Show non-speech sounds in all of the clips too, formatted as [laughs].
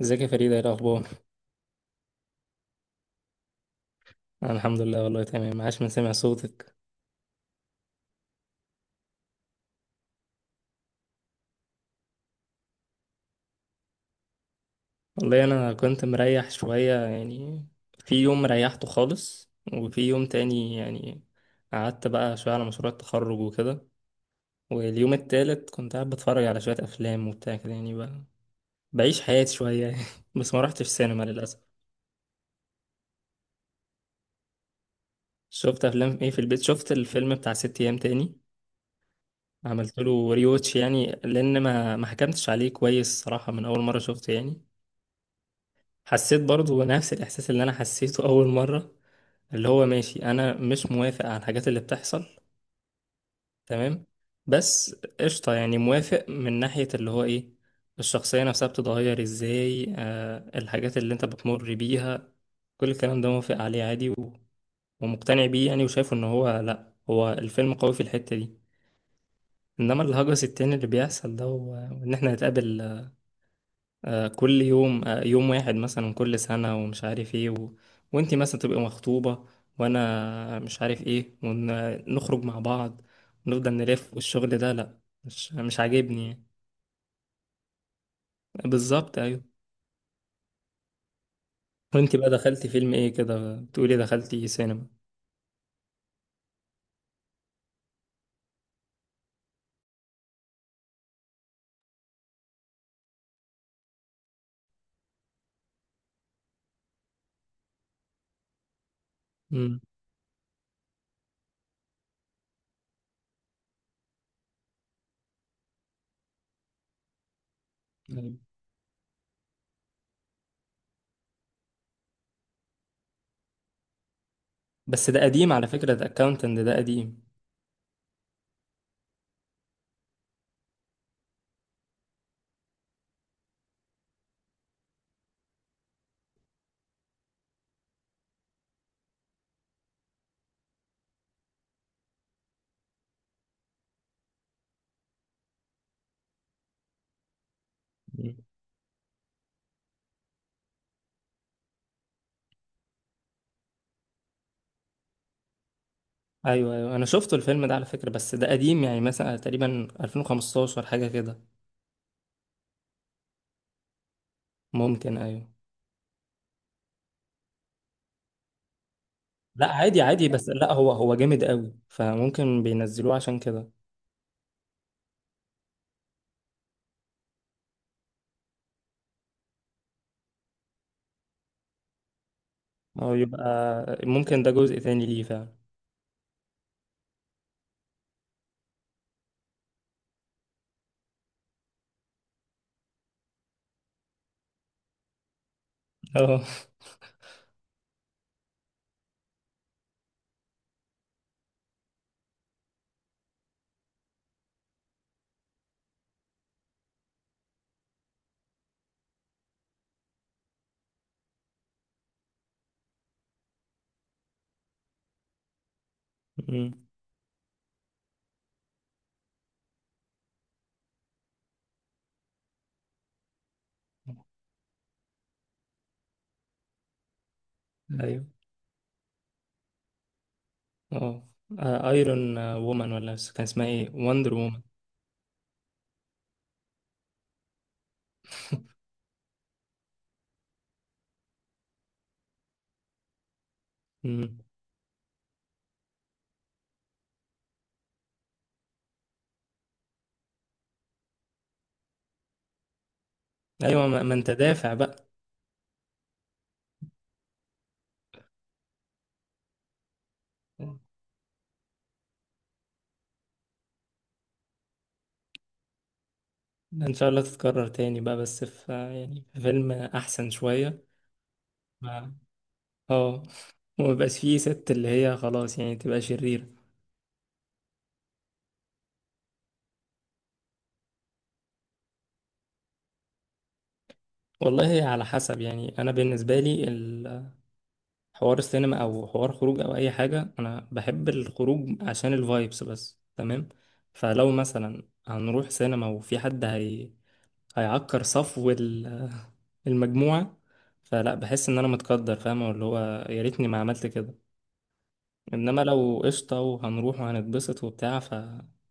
ازيك يا فريدة، ايه الأخبار؟ أنا الحمد لله والله تمام، عاش من سمع صوتك. والله أنا كنت مريح شوية يعني، في يوم ريحته خالص وفي يوم تاني يعني قعدت بقى شوية على مشروع التخرج وكده. واليوم التالت كنت قاعد بتفرج على شوية أفلام وبتاع كده يعني، بقى بعيش حياتي شوية [laughs] يعني. بس ما رحتش سينما للأسف. شفت أفلام ايه في البيت؟ شفت الفيلم بتاع ست أيام تاني، عملت له ريوتش يعني لأن ما حكمتش عليه كويس صراحة من أول مرة شفته يعني. حسيت برضو نفس الإحساس اللي أنا حسيته أول مرة، اللي هو ماشي، أنا مش موافق على الحاجات اللي بتحصل. تمام، بس قشطة يعني موافق من ناحية اللي هو إيه، الشخصية نفسها بتتغير إزاي، آه، الحاجات اللي أنت بتمر بيها، كل الكلام ده موافق عليه عادي، و... ومقتنع بيه يعني وشايفه إن هو، لأ هو الفيلم قوي في الحتة دي. إنما الهجس التاني اللي بيحصل ده وإن إحنا نتقابل كل يوم، يوم واحد مثلا كل سنة ومش عارف ايه، و... وانتي مثلا تبقي مخطوبة وانا مش عارف ايه ونخرج مع بعض ونفضل نلف، والشغل ده لا، مش عاجبني يعني. بالظبط ايوه. وانتي بقى دخلتي فيلم ايه كده؟ بتقولي دخلتي سينما. امم، أيوة. بس ده قديم على فكرة، ده اكاونتنت ده قديم. مم. ايوه ايوه، انا شفته الفيلم ده على فكرة، بس ده قديم يعني مثلا تقريبا 2015 حاجة كده. ممكن ايوه. لا عادي عادي، بس لا هو هو جامد قوي فممكن بينزلوه عشان كده. هو يبقى ممكن ده جزء تاني ليه فعلا. [laughs] اه. أمم. ايوه اه، ايرون وومن ولا، بس كان اسمها ايه، وندر وومن. أمم. ايوه، ما ما انت دافع بقى. ان شاء الله تتكرر تاني بقى، بس في يعني في فيلم احسن شوية. ما- اه، وما يبقاش فيه ست اللي هي خلاص يعني تبقى شريرة. والله على حسب يعني، انا بالنسبة لي حوار السينما او حوار خروج او اي حاجه، انا بحب الخروج عشان الفايبس بس، تمام. فلو مثلا هنروح سينما وفي حد هيعكر صفو [laughs] المجموعه، فلا، بحس ان انا متقدر، فاهمه اللي هو يا ريتني ما عملت كده. انما لو قشطه وهنروح وهنتبسط وبتاع، ف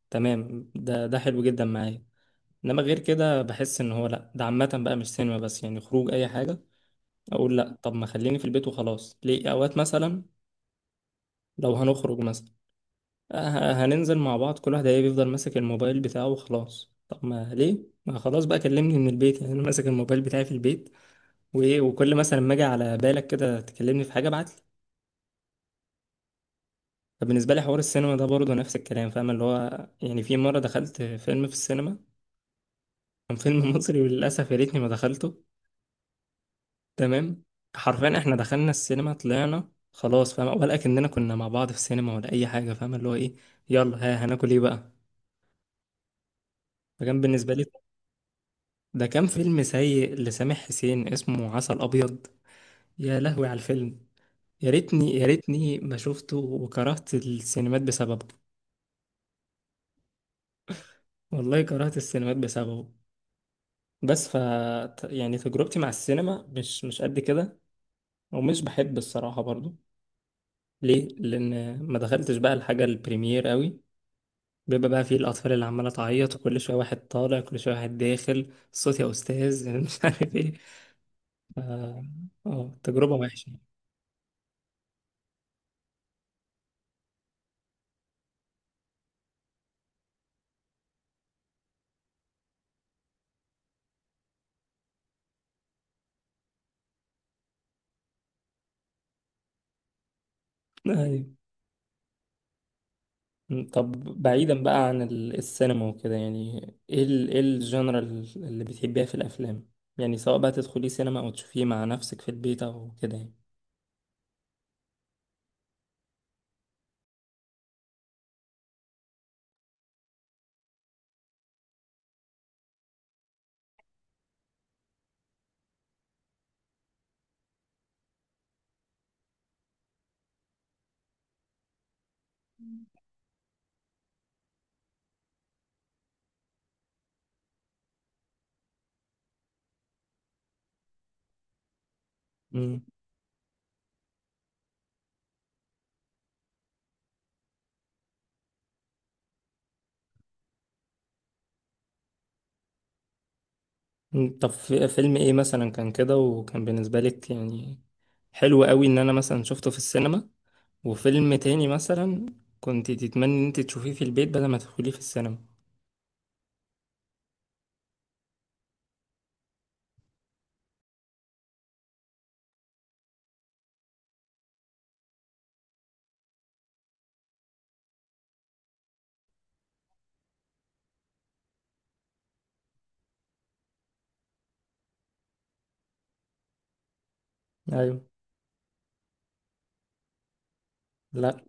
تمام، ده ده حلو جدا معايا. انما غير كده بحس ان هو لا، ده عامه بقى مش سينما بس يعني، خروج اي حاجه، اقول لا طب ما خليني في البيت وخلاص، ليه؟ اوقات مثلا لو هنخرج مثلا، هننزل مع بعض، كل واحد هيبقى يفضل ماسك الموبايل بتاعه وخلاص، طب ما ليه؟ ما خلاص بقى كلمني من البيت، يعني انا ماسك الموبايل بتاعي في البيت، وايه، وكل مثلا ما اجي على بالك كده تكلمني في حاجه ابعت لي. فبالنسبه لي حوار السينما ده برضه نفس الكلام، فاهم اللي هو يعني. في مره دخلت فيلم في السينما، كان فيلم [laughs] مصري وللاسف يا ريتني ما دخلته. تمام. حرفيا احنا دخلنا السينما طلعنا خلاص، فاهم ولا كأننا كنا مع بعض في السينما ولا اي حاجه، فاهم اللي هو ايه، يلا ها هناكل ايه بقى. فكان بالنسبه لي ده كان فيلم سيء لسامح حسين اسمه عسل أبيض. يا لهوي على الفيلم، يا ريتني يا ريتني ما شفته، وكرهت السينمات بسببه. والله كرهت السينمات بسببه. بس ف يعني تجربتي مع السينما مش مش قد كده، ومش بحب الصراحة برضو. ليه؟ لأن ما دخلتش بقى الحاجة البريمير قوي، بيبقى بقى فيه الأطفال اللي عمالة تعيط، وكل شوية واحد طالع كل شوية واحد داخل، صوت يا أستاذ [laughs] مش عارف إيه، ف... اه تجربة وحشة. أيوة. مم، طب بعيدا بقى عن السينما وكده يعني، ايه ال ايه الجنرال اللي بتحبيها في الافلام، يعني سواء بقى تدخلي سينما او تشوفيه مع نفسك في البيت او كده يعني. مم. مم، طب في فيلم ايه مثلا كان كده وكان بالنسبة لك يعني حلو قوي ان انا مثلا شفته في السينما، وفيلم تاني مثلا كنت تتمني ان انت تشوفيه في البيت بدل ما تدخليه في السينما. ايوه. لا.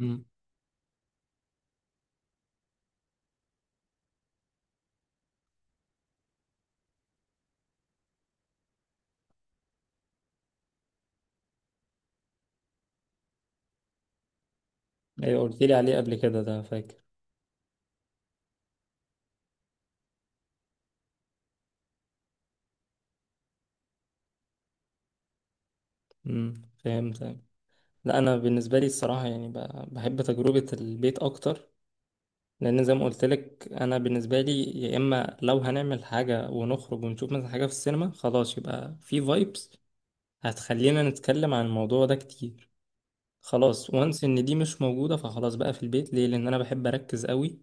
امم. ايوه قلت لي عليه قبل كده ده، فاكر. فهمت. لا انا بالنسبه لي الصراحه يعني بحب تجربه البيت اكتر، لان زي ما قلت لك انا بالنسبه لي، يا اما لو هنعمل حاجه ونخرج ونشوف مثلا حاجه في السينما خلاص يبقى في فايبس هتخلينا نتكلم عن الموضوع ده كتير، خلاص وانس ان دي مش موجوده. فخلاص بقى في البيت ليه؟ لان انا بحب اركز قوي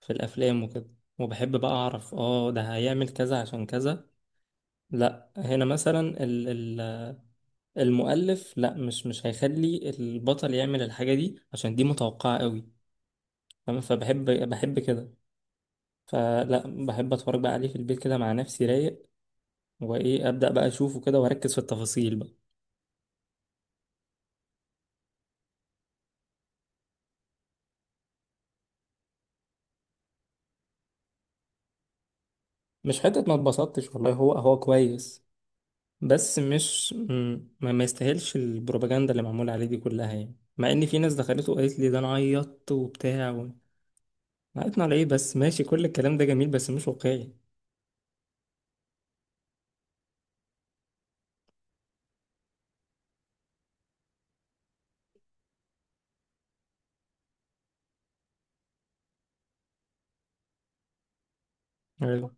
في الافلام وكده، وبحب بقى اعرف اه ده هيعمل كذا عشان كذا، لا هنا مثلا ال المؤلف لا مش هيخلي البطل يعمل الحاجه دي عشان دي متوقعه قوي، فاهم؟ فبحب بحب كده، فلا بحب اتفرج بقى عليه في البيت كده مع نفسي رايق، وايه ابدا بقى اشوفه كده واركز في التفاصيل بقى. مش حته ما اتبسطتش والله، هو هو كويس، بس مش ما يستاهلش البروباجندا اللي معموله عليه دي كلها يعني، مع ان في ناس دخلته وقالت لي ده انا عيطت وبتاع و... عيطنا على ايه؟ بس ماشي، كل الكلام ده جميل بس مش واقعي. أيوة.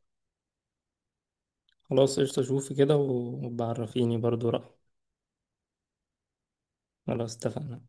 خلاص قشطه، شوفي كده وبعرفيني برضو رأيي. خلاص اتفقنا.